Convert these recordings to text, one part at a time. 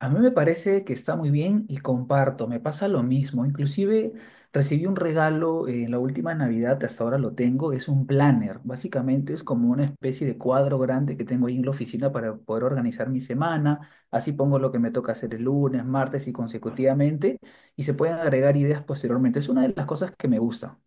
A mí me parece que está muy bien y comparto, me pasa lo mismo. Inclusive recibí un regalo en la última Navidad, hasta ahora lo tengo, es un planner. Básicamente es como una especie de cuadro grande que tengo ahí en la oficina para poder organizar mi semana. Así pongo lo que me toca hacer el lunes, martes y consecutivamente y se pueden agregar ideas posteriormente. Es una de las cosas que me gusta.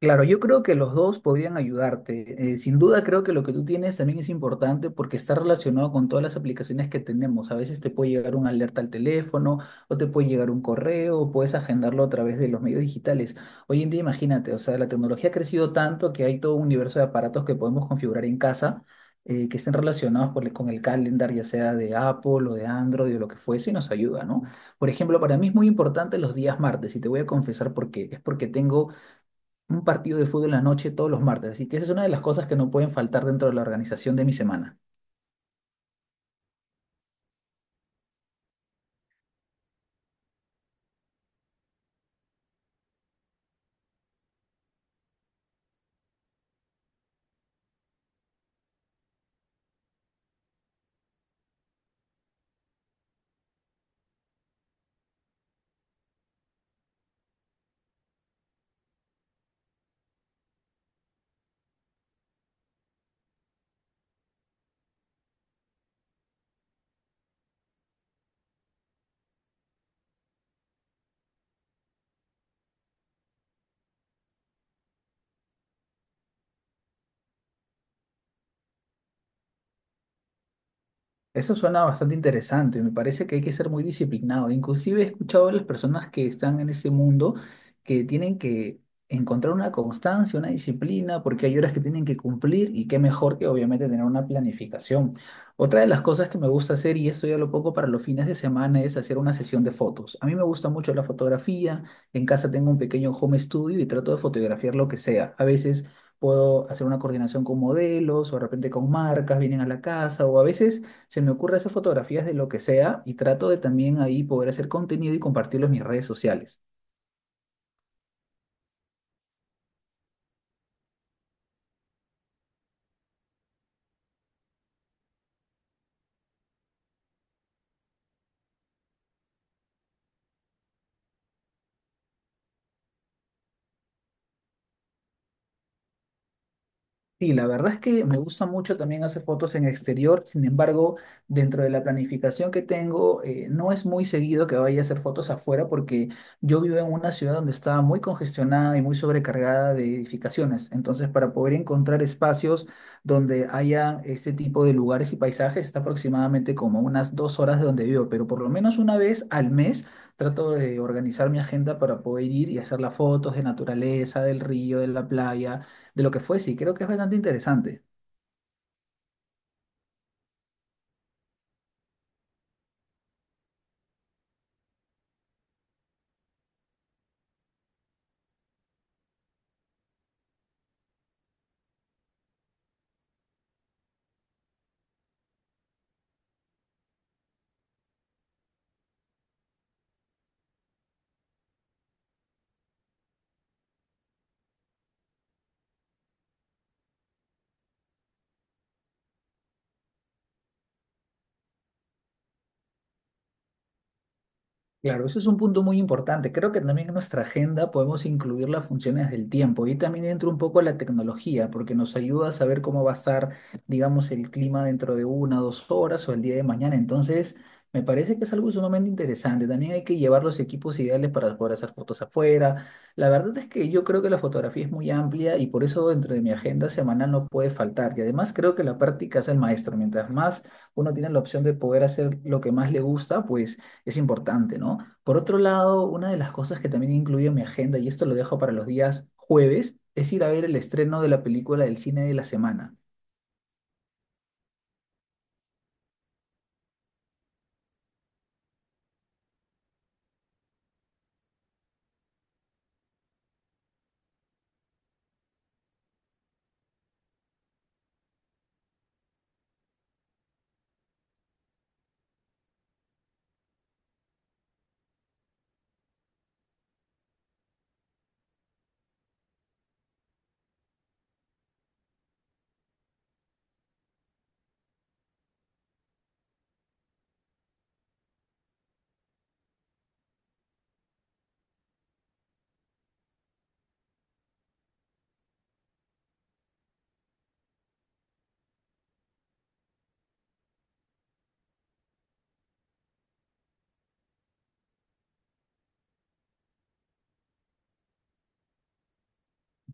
Claro, yo creo que los dos podrían ayudarte. Sin duda creo que lo que tú tienes también es importante porque está relacionado con todas las aplicaciones que tenemos. A veces te puede llegar una alerta al teléfono o te puede llegar un correo o puedes agendarlo a través de los medios digitales. Hoy en día imagínate, o sea, la tecnología ha crecido tanto que hay todo un universo de aparatos que podemos configurar en casa que estén relacionados por el- con el calendar, ya sea de Apple o de Android o lo que fuese, y nos ayuda, ¿no? Por ejemplo, para mí es muy importante los días martes y te voy a confesar por qué. Es porque tengo un partido de fútbol en la noche todos los martes. Así que esa es una de las cosas que no pueden faltar dentro de la organización de mi semana. Eso suena bastante interesante, me parece que hay que ser muy disciplinado. Inclusive he escuchado a las personas que están en ese mundo que tienen que encontrar una constancia, una disciplina, porque hay horas que tienen que cumplir y qué mejor que obviamente tener una planificación. Otra de las cosas que me gusta hacer, y esto ya lo poco para los fines de semana, es hacer una sesión de fotos. A mí me gusta mucho la fotografía, en casa tengo un pequeño home studio y trato de fotografiar lo que sea. A veces puedo hacer una coordinación con modelos o de repente con marcas, vienen a la casa o a veces se me ocurre hacer fotografías de lo que sea y trato de también ahí poder hacer contenido y compartirlo en mis redes sociales. Sí, la verdad es que me gusta mucho también hacer fotos en exterior. Sin embargo, dentro de la planificación que tengo, no es muy seguido que vaya a hacer fotos afuera porque yo vivo en una ciudad donde está muy congestionada y muy sobrecargada de edificaciones. Entonces, para poder encontrar espacios donde haya este tipo de lugares y paisajes, está aproximadamente como unas dos horas de donde vivo, pero por lo menos 1 vez al mes trato de organizar mi agenda para poder ir y hacer las fotos de naturaleza, del río, de la playa, de lo que fuese. Y creo que es bastante interesante. Claro, ese es un punto muy importante. Creo que también en nuestra agenda podemos incluir las funciones del tiempo y también entra un poco la tecnología, porque nos ayuda a saber cómo va a estar, digamos, el clima dentro de 1, 2 horas o el día de mañana. Entonces, me parece que es algo sumamente interesante. También hay que llevar los equipos ideales para poder hacer fotos afuera. La verdad es que yo creo que la fotografía es muy amplia y por eso dentro de mi agenda semanal no puede faltar. Y además creo que la práctica es el maestro. Mientras más uno tiene la opción de poder hacer lo que más le gusta, pues es importante, ¿no? Por otro lado, una de las cosas que también incluyo en mi agenda, y esto lo dejo para los días jueves, es ir a ver el estreno de la película del cine de la semana.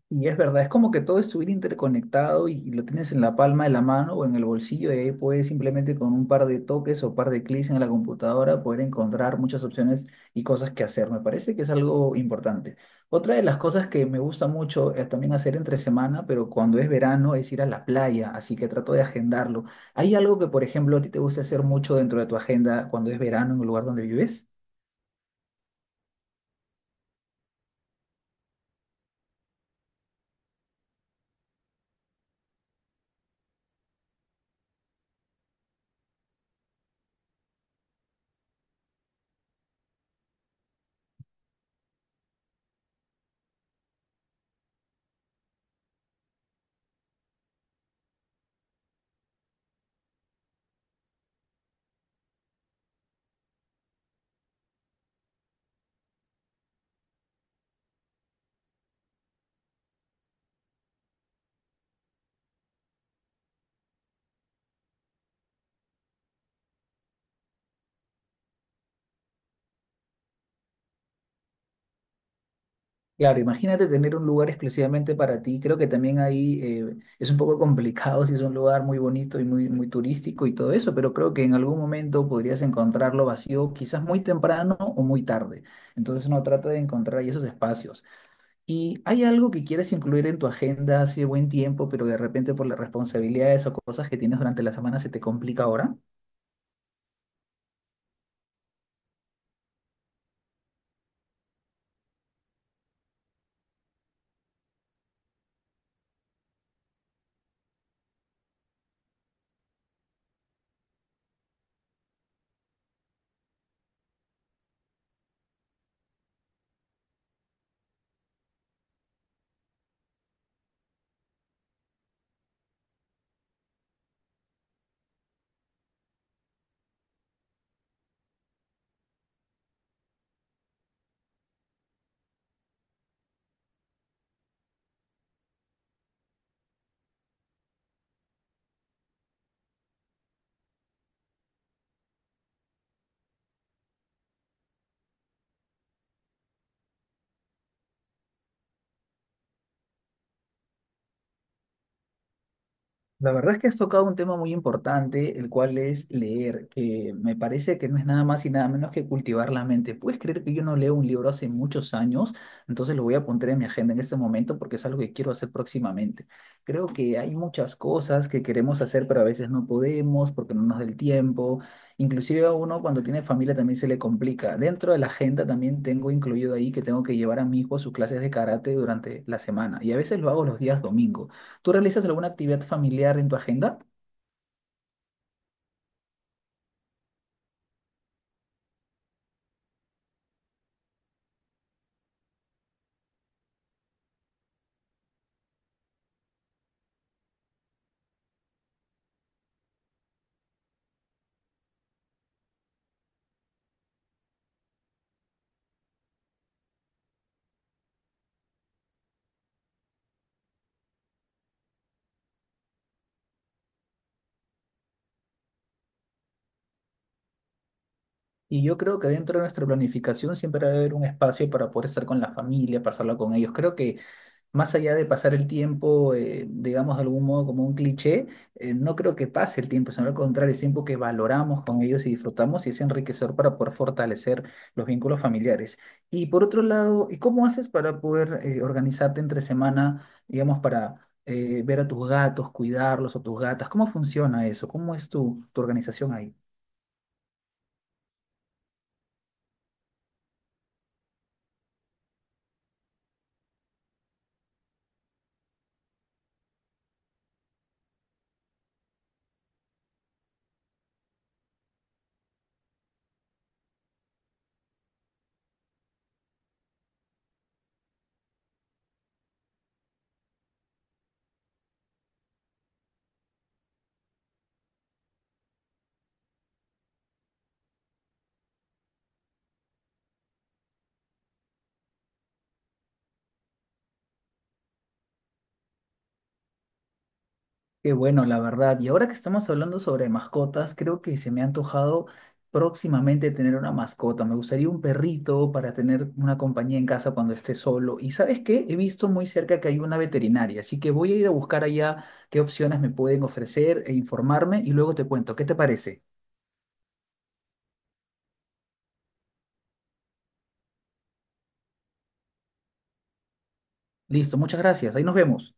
Y es verdad, es como que todo estuviera interconectado y lo tienes en la palma de la mano o en el bolsillo y ahí puedes simplemente con un par de toques o par de clics en la computadora poder encontrar muchas opciones y cosas que hacer. Me parece que es algo importante. Otra de las cosas que me gusta mucho es también hacer entre semana, pero cuando es verano es ir a la playa, así que trato de agendarlo. ¿Hay algo que, por ejemplo, a ti te gusta hacer mucho dentro de tu agenda cuando es verano en el lugar donde vives? Claro, imagínate tener un lugar exclusivamente para ti. Creo que también ahí es un poco complicado si es un lugar muy bonito y muy turístico y todo eso, pero creo que en algún momento podrías encontrarlo vacío, quizás muy temprano o muy tarde. Entonces uno trata de encontrar ahí esos espacios. ¿Y hay algo que quieres incluir en tu agenda hace buen tiempo, pero de repente por las responsabilidades o cosas que tienes durante la semana se te complica ahora? La verdad es que has tocado un tema muy importante, el cual es leer, que me parece que no es nada más y nada menos que cultivar la mente. ¿Puedes creer que yo no leo un libro hace muchos años? Entonces lo voy a apuntar en mi agenda en este momento porque es algo que quiero hacer próximamente. Creo que hay muchas cosas que queremos hacer, pero a veces no podemos porque no nos da el tiempo. Inclusive a uno cuando tiene familia también se le complica. Dentro de la agenda también tengo incluido ahí que tengo que llevar a mi hijo a sus clases de karate durante la semana y a veces lo hago los días domingos. ¿Tú realizas alguna actividad familiar en tu agenda? Y yo creo que dentro de nuestra planificación siempre va a haber un espacio para poder estar con la familia, pasarla con ellos. Creo que más allá de pasar el tiempo, digamos de algún modo como un cliché, no creo que pase el tiempo, sino al contrario, es tiempo que valoramos con ellos y disfrutamos y es enriquecedor para poder fortalecer los vínculos familiares. Y por otro lado, ¿y cómo haces para poder organizarte entre semana, digamos, para ver a tus gatos, cuidarlos o tus gatas? ¿Cómo funciona eso? ¿Cómo es tu organización ahí? Qué bueno, la verdad. Y ahora que estamos hablando sobre mascotas, creo que se me ha antojado próximamente tener una mascota. Me gustaría un perrito para tener una compañía en casa cuando esté solo. Y ¿sabes qué? He visto muy cerca que hay una veterinaria, así que voy a ir a buscar allá qué opciones me pueden ofrecer e informarme y luego te cuento. ¿Qué te parece? Listo, muchas gracias. Ahí nos vemos.